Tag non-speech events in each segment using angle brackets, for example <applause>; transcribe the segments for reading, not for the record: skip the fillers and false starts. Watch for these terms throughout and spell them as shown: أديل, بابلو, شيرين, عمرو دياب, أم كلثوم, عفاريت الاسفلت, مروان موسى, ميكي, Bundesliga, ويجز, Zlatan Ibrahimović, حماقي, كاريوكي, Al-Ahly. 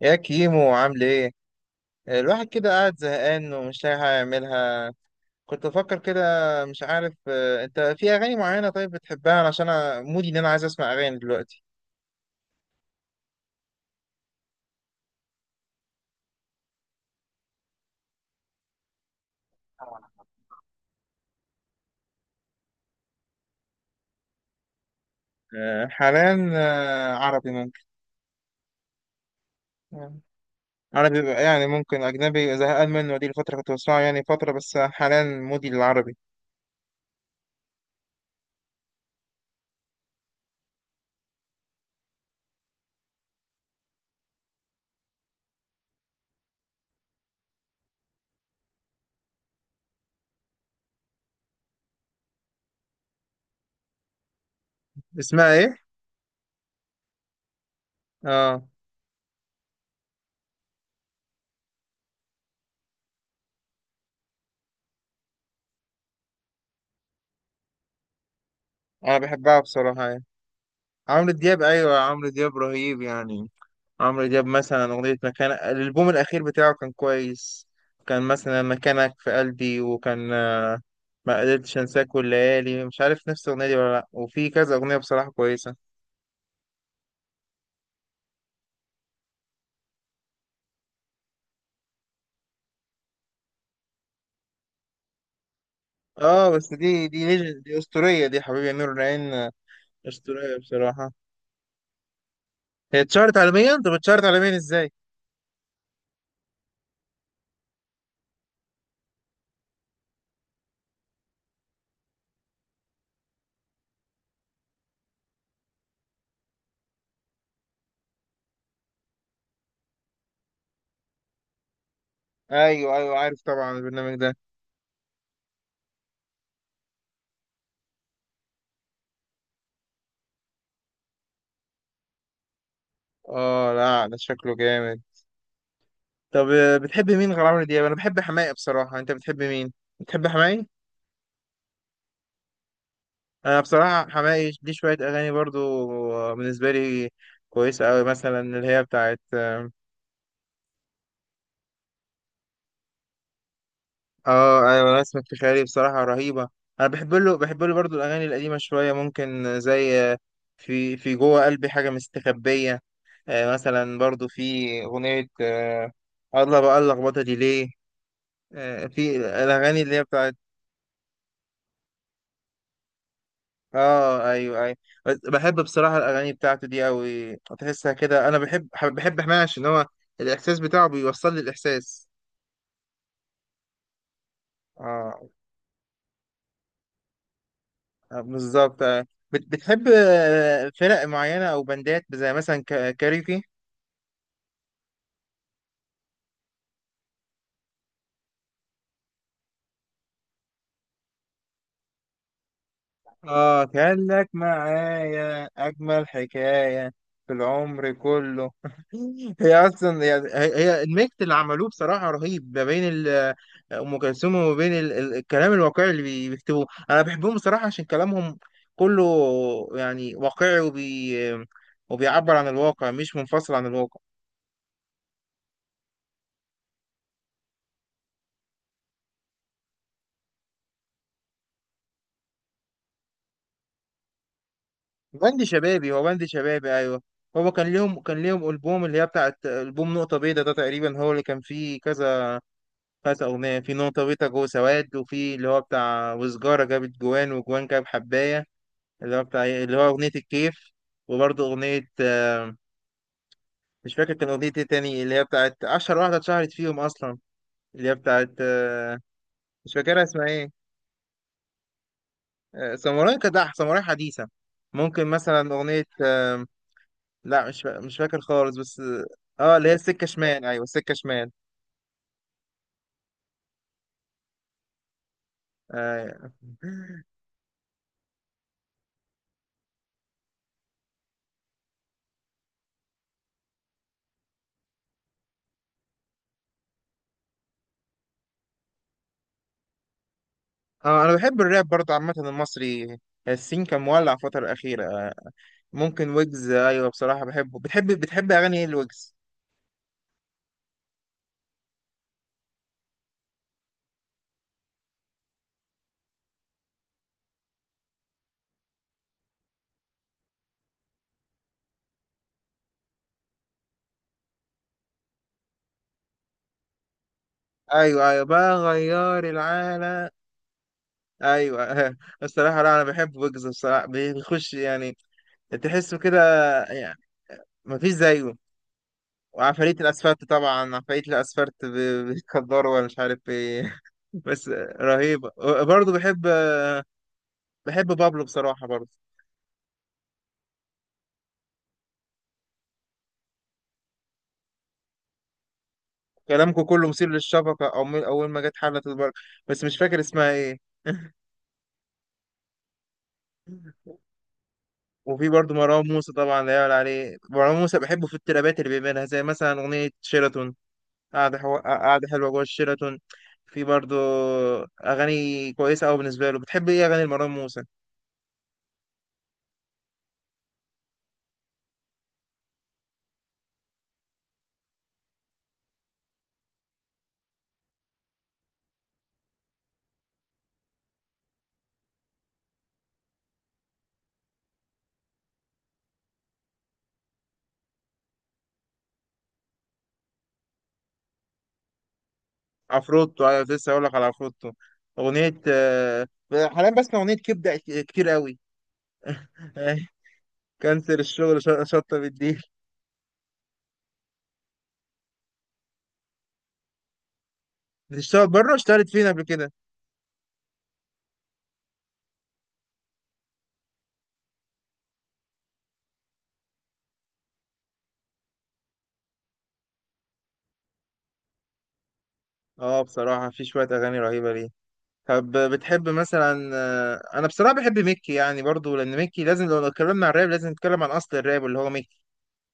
يا كيمو عامل ايه؟ الواحد كده قاعد زهقان ومش لاقي حاجة يعملها. كنت بفكر كده، مش عارف. انت في اغاني معينة طيب بتحبها؟ علشان انا مودي ان انا عايز اسمع اغاني دلوقتي. حاليا عربي ممكن. آه، عربي بقى يعني، ممكن اجنبي زهقان منه، دي الفترة كنت بسمعها يعني فترة، بس حاليا مودي للعربي. اسمها ايه؟ اه، انا بحبها بصراحة يعني. عمرو دياب، ايوه، عمرو دياب رهيب يعني. عمرو دياب مثلا أغنية مكانة، الألبوم الأخير بتاعه كان كويس. كان مثلا مكانك في قلبي، وكان ما قدرتش أنساك والليالي، مش عارف نفس الأغنية دي ولا لأ، وفي كذا أغنية بصراحة كويسة. اه بس دي نجم، دي أسطورية دي، حبيبي يا نور العين أسطورية بصراحة. هي اتشهرت عالميا، طب اتشهرت عالميا ازاي؟ أيوه أيوه، عارف طبعا البرنامج ده. اه لا، ده شكله جامد. طب بتحب مين غير عمرو دياب؟ أنا بحب حماقي بصراحة، أنت بتحب مين؟ بتحب حماقي؟ انا بصراحه حماقي ليه شويه اغاني برضو بالنسبه لي كويسه قوي، مثلا اللي هي بتاعت. اه ايوه، نسمة في خيالي بصراحه رهيبه. انا بحب له برضو الاغاني القديمه شويه ممكن، زي في جوه قلبي حاجه مستخبيه. مثلا برضو في اغنيه الله بقى اللخبطه دي ليه. في الاغاني اللي هي بتاعت. اه ايوه ايوه. بس بحب بصراحه الاغاني بتاعته دي قوي، تحسها كده، انا بحب حماقي عشان هو الاحساس بتاعه بيوصل لي الاحساس. اه، بالظبط. بتحب فرق معينه او بندات، زي مثلا كاريوكي. آه كان لك معايا، أجمل حكاية في العمر كله. <laughs> هي أصلا يعني، هي الميكس اللي عملوه بصراحة رهيب، ما بين أم كلثوم، وما بين الكلام الواقعي اللي بيكتبوه. أنا بحبهم بصراحة عشان كلامهم كله يعني واقعي، وبي وبيعبر عن الواقع، مش منفصل عن الواقع. بند شبابي، هو بند شبابي أيوه. هو كان ليهم ألبوم، اللي هي بتاعت ألبوم نقطة بيضاء ده، تقريبا هو اللي كان فيه كذا كانت أغنية في نقطة جو سواد، وفي اللي هو بتاع وسجارة جابت جوان وجوان جاب حباية، اللي هو بتاع اللي هو أغنية الكيف. وبرضه أغنية مش فاكر كان أغنية إيه تاني، اللي هي بتاعت أشهر واحدة اتشهرت فيهم أصلا، اللي هي بتاعت مش فاكرها اسمها إيه. ساموراي، كدح ساموراي حديثة. ممكن مثلا أغنية لا، مش فاكر خالص بس. اه اللي هي السكة شمال، أيوه السكة شمال. آه. <laughs> اه أنا بحب الراب برضه عامة، المصري السين كان مولع الفترة الأخيرة. ممكن ويجز، ايوه بصراحه بحبه. بتحب اغاني ايه الويجز؟ ايوه ايوه، بغير العالم. ايوه. <laughs> بصراحه لا، انا بحب ويجز بصراحه، بيخش يعني، تحسه كده يعني، مفيش زيه. وعفاريت الاسفلت طبعا، عفاريت الاسفلت بيتكدروا ولا مش عارف ايه. <laughs> بس رهيبه. برضه بحب، بحب بابلو بصراحه برضه. كلامكم كله مثير للشفقه، او اول ما جت حلت البر. بس مش فاكر اسمها ايه. <laughs> وفي برضه مروان موسى طبعا، لا يعلى عليه مروان موسى، بحبه في الترابات اللي بيعملها، زي مثلا أغنية شيراتون، قاعدة حلوة جوه الشيراتون. في برضه أغاني كويسة أوي بالنسبة له. بتحب إيه أغاني مروان موسى؟ عفروتو أيوة، كنت لسه هقول لك على عفروتو. أغنية حاليا بسمع أغنية كبدة كتير أوي. آه، كنسل الشغل، شطة بالديل. بتشتغل بره؟ اشتغلت فين قبل كده؟ اه بصراحة في شوية أغاني رهيبة ليه. طب بتحب مثلا، انا بصراحه بحب ميكي يعني برضو، لان ميكي لازم، لو اتكلمنا عن الراب لازم نتكلم عن اصل الراب اللي هو ميكي.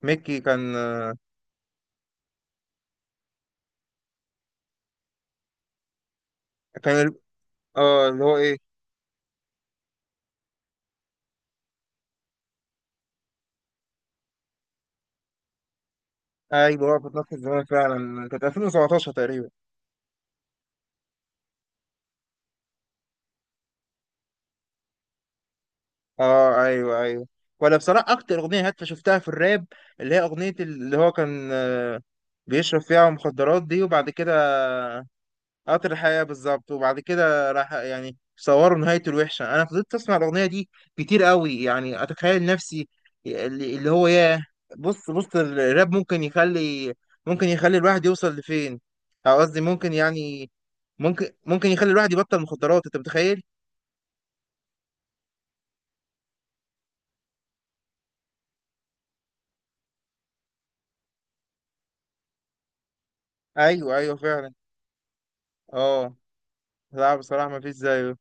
ميكي كان كان اه اللي هو ايه، ايوه هو في نفس الزمان فعلا، كانت 2017 تقريبا. اه ايوه ايوه، ولا بصراحه اكتر اغنيه هادفه شفتها في الراب، اللي هي اغنيه اللي هو كان بيشرب فيها مخدرات دي، وبعد كده قطر الحياة بالظبط، وبعد كده راح يعني صوروا نهايته الوحشة. أنا فضلت أسمع الأغنية دي كتير قوي يعني، أتخيل نفسي اللي هو ياه. بص الراب ممكن يخلي، ممكن يخلي الواحد يوصل لفين، أو قصدي ممكن يعني، ممكن يخلي الواحد يبطل مخدرات، أنت متخيل؟ أيوه أيوه فعلا. أه لا بصراحة ما فيش زيه.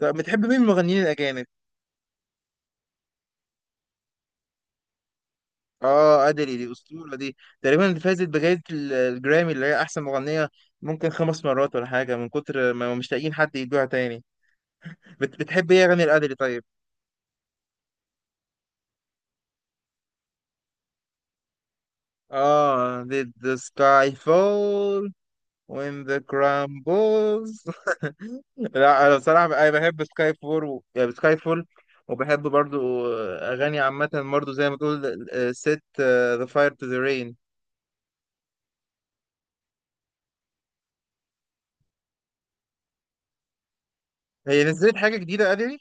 طب بتحب مين من المغنيين الأجانب؟ اه ادلي دي اسطوره دي، تقريبا اللي فازت بجائزه الجرامي، اللي هي احسن مغنيه ممكن خمس مرات ولا حاجه، من كتر ما مش لاقيين حد يدوها تاني. بتحب ايه اغاني الادلي طيب؟ اه did the sky fall when the crumbles. <laughs> لا انا بصراحه انا بحب سكاي فول و... يعني سكاي فول، وبحب برضو اغاني عامه برضو، زي ما تقول set the fire to the rain. هي نزلت حاجه جديده ادلي؟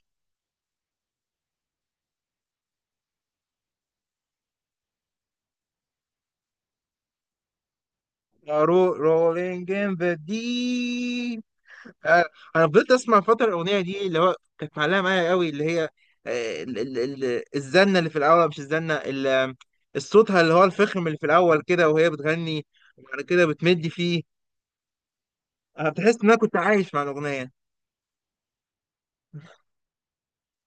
rolling in the deep. آه، انا فضلت اسمع فتره الاغنيه دي، اللي هو كانت معلقه معايا قوي، اللي هي آه، ال- ال- الزنه اللي في الاول، مش الزنه الصوتها اللي هو الفخم اللي في الاول كده وهي بتغني، وبعد كده بتمد فيه. انا بتحس ان انا كنت عايش مع الاغنيه.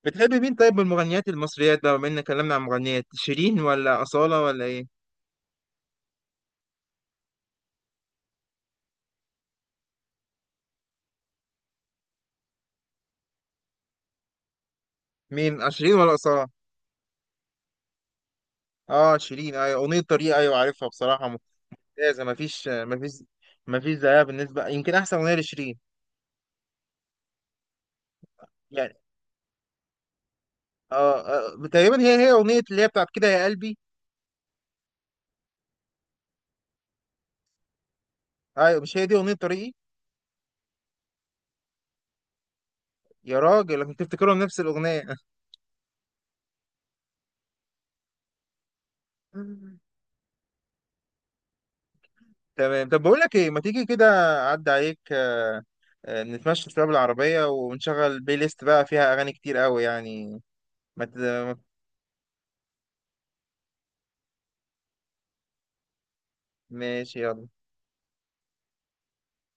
بتحب مين طيب من المغنيات المصريات بقى، بما اننا اتكلمنا عن مغنيات؟ شيرين ولا اصاله ولا ايه؟ مين شيرين ولا اصاله؟ اه شيرين، ايوه اغنيه طريق، ايوه عارفها بصراحه، ممتازه، مفيش مفيش زيها بالنسبه، يمكن احسن اغنيه لشيرين يعني. تقريبا هي أغنية اللي هي بتاعت كده يا قلبي. أيوة مش هي دي أغنية طريقي؟ يا راجل، أنا كنت أفتكرهم نفس الأغنية. <laughs> تمام، طب بقول لك إيه، ما تيجي كده أعدي عليك نتمشى شوية بالعربية ونشغل بلاي ليست بقى فيها أغاني كتير قوي يعني. ما ت... ماشي يلا